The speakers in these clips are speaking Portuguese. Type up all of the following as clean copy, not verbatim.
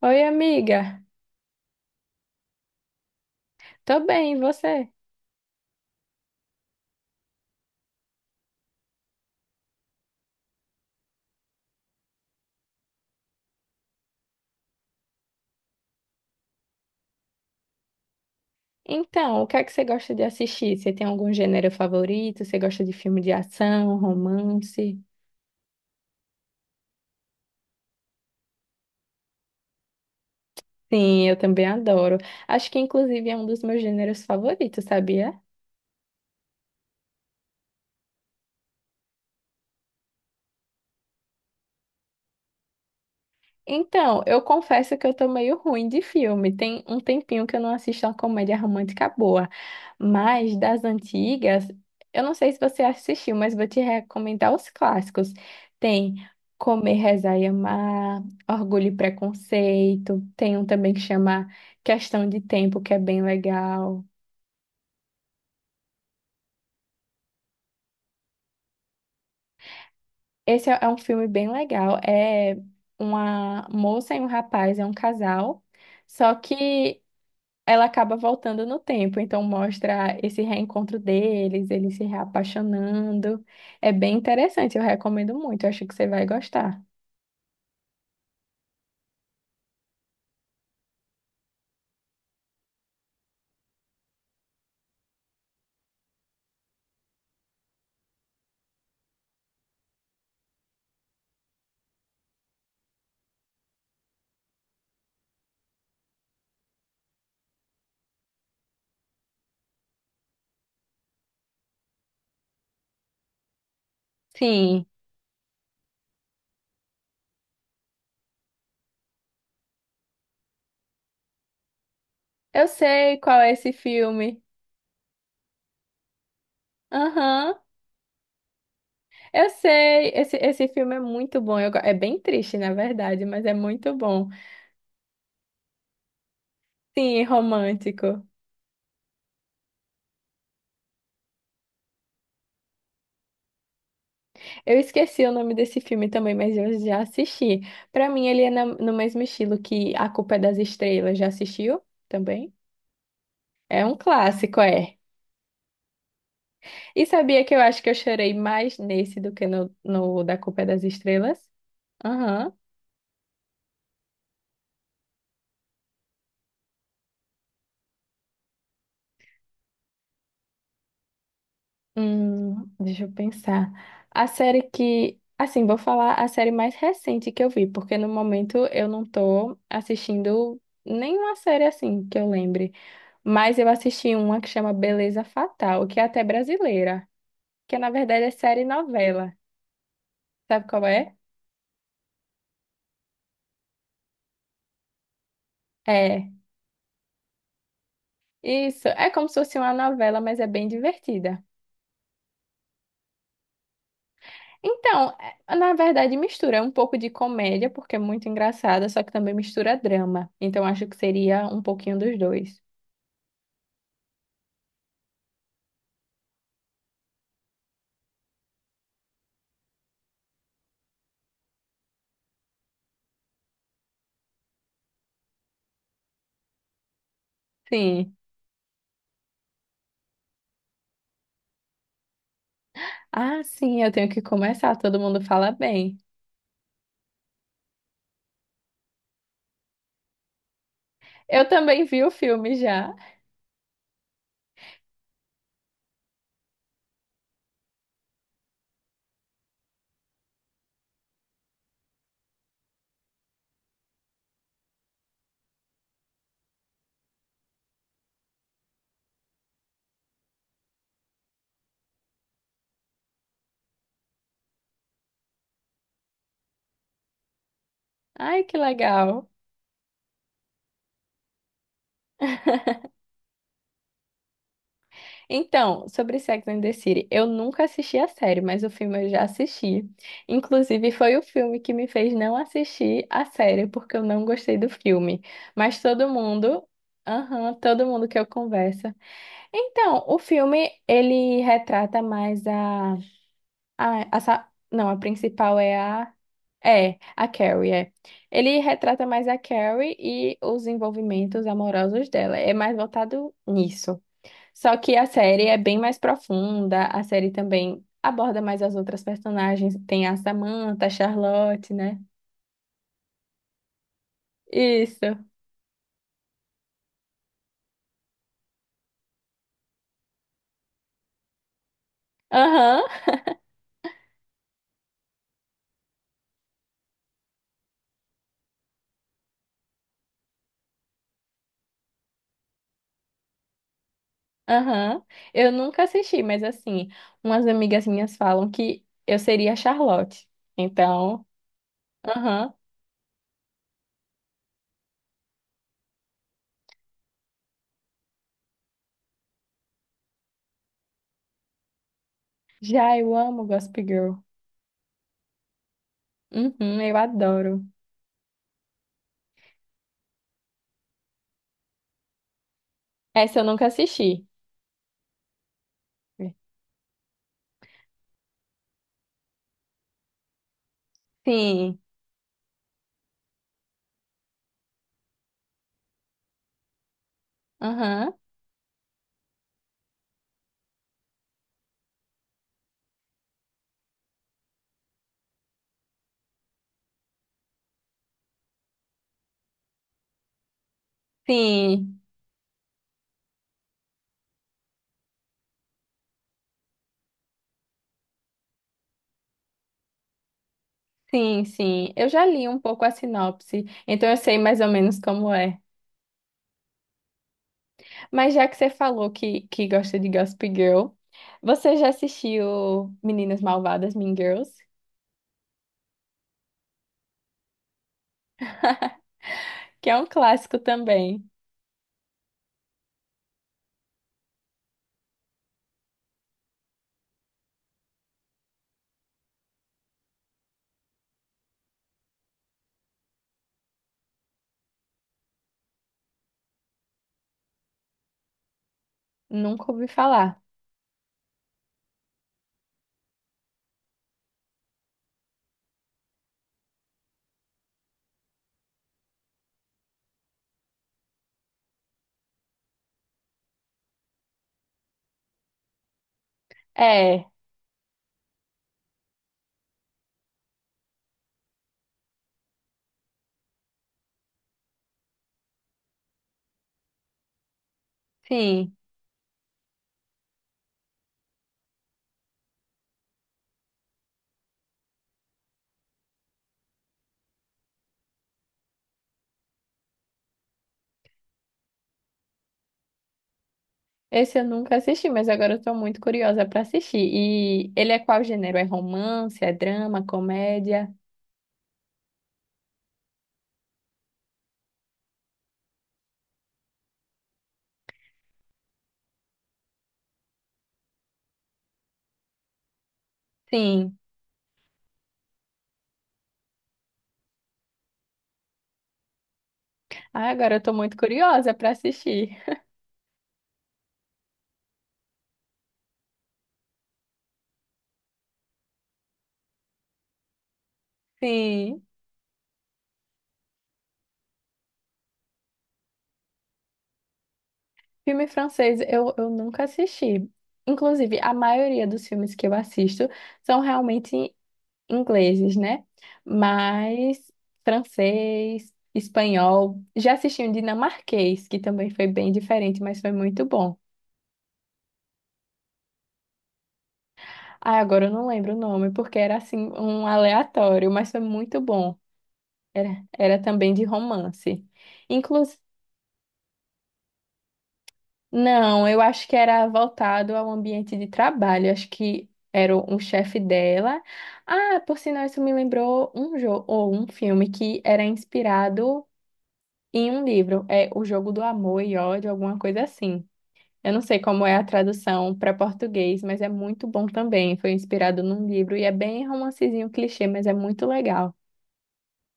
Oi, amiga. Tô bem, e você? Então, o que é que você gosta de assistir? Você tem algum gênero favorito? Você gosta de filme de ação, romance? Sim, eu também adoro. Acho que inclusive é um dos meus gêneros favoritos, sabia? Então, eu confesso que eu tô meio ruim de filme. Tem um tempinho que eu não assisto uma comédia romântica boa. Mas das antigas, eu não sei se você assistiu, mas vou te recomendar os clássicos. Tem Comer, Rezar e Amar, Orgulho e Preconceito. Tem um também que chama Questão de Tempo, que é bem legal. Esse é um filme bem legal. É uma moça e um rapaz, é um casal. Só que ela acaba voltando no tempo, então mostra esse reencontro deles, eles se reapaixonando. É bem interessante, eu recomendo muito, eu acho que você vai gostar. Sim, eu sei qual é esse filme. Aham, eu sei, esse filme é muito bom, é bem triste, na verdade, mas é muito bom. Sim, romântico. Eu esqueci o nome desse filme também, mas eu já assisti. Pra mim, ele é no mesmo estilo que A Culpa é das Estrelas. Já assistiu também? É um clássico, é. E sabia que eu acho que eu chorei mais nesse do que no Da Culpa é das Estrelas? Aham. Deixa eu pensar. A série que. Assim, vou falar a série mais recente que eu vi, porque no momento eu não tô assistindo nenhuma série assim que eu lembre. Mas eu assisti uma que chama Beleza Fatal, que é até brasileira, que na verdade é série novela. Sabe qual é? É. Isso. É como se fosse uma novela, mas é bem divertida. Então, na verdade, mistura é um pouco de comédia, porque é muito engraçada, só que também mistura drama. Então, acho que seria um pouquinho dos dois. Sim. Ah, sim, eu tenho que começar. Todo mundo fala bem. Eu também vi o filme já. Ai, que legal. Então, sobre Sex and the City, eu nunca assisti a série, mas o filme eu já assisti. Inclusive, foi o filme que me fez não assistir a série, porque eu não gostei do filme. Mas todo mundo, aham, todo mundo que eu converso. Então, o filme, ele retrata mais não, a principal é a é, a Carrie, é. Ele retrata mais a Carrie e os envolvimentos amorosos dela. É mais voltado nisso. Só que a série é bem mais profunda, a série também aborda mais as outras personagens, tem a Samantha, a Charlotte, né? Isso. Aham. Aham. Eu nunca assisti, mas assim, umas amigas minhas falam que eu seria a Charlotte. Então, aham. Já eu amo Gossip Girl. Uhum, eu adoro. Essa eu nunca assisti. Sim. Aham. Sim. Sim, sim. Eu já li um pouco a sinopse, então eu sei mais ou menos como é. Mas já que você falou que gosta de Gossip Girl, você já assistiu Meninas Malvadas, Mean Girls? Que é um clássico também. Nunca ouvi falar. É, sim. Esse eu nunca assisti, mas agora eu tô muito curiosa pra assistir. E ele é qual gênero? É romance, é drama, comédia? Sim. Ah, agora eu tô muito curiosa pra assistir. Sim. Filme francês eu nunca assisti. Inclusive, a maioria dos filmes que eu assisto são realmente ingleses, né? Mas francês, espanhol. Já assisti um dinamarquês, que também foi bem diferente, mas foi muito bom. Ah, agora eu não lembro o nome, porque era assim um aleatório, mas foi muito bom. Era também de romance. Inclusive, não, eu acho que era voltado ao ambiente de trabalho. Eu acho que era um chefe dela. Ah, por sinal, isso me lembrou um jogo ou um filme que era inspirado em um livro. É O Jogo do Amor e Ódio, alguma coisa assim. Eu não sei como é a tradução para português, mas é muito bom também. Foi inspirado num livro e é bem romancezinho clichê, mas é muito legal.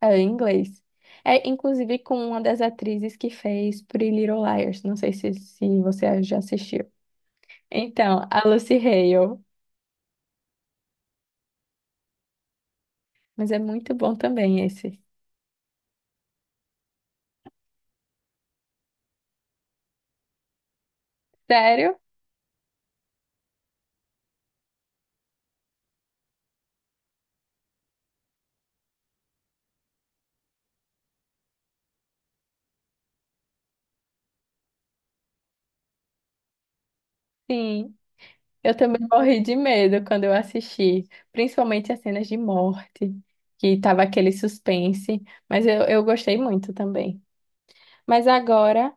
É, em inglês. É, inclusive, com uma das atrizes que fez Pretty Little Liars. Não sei se você já assistiu. Então, a Lucy Hale. Mas é muito bom também esse. Sério? Sim. Eu também morri de medo quando eu assisti. Principalmente as cenas de morte, que tava aquele suspense. Mas eu gostei muito também. Mas agora,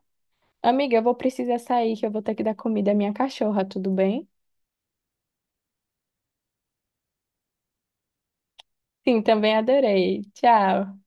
amiga, eu vou precisar sair, que eu vou ter que dar comida à minha cachorra, tudo bem? Sim, também adorei. Tchau.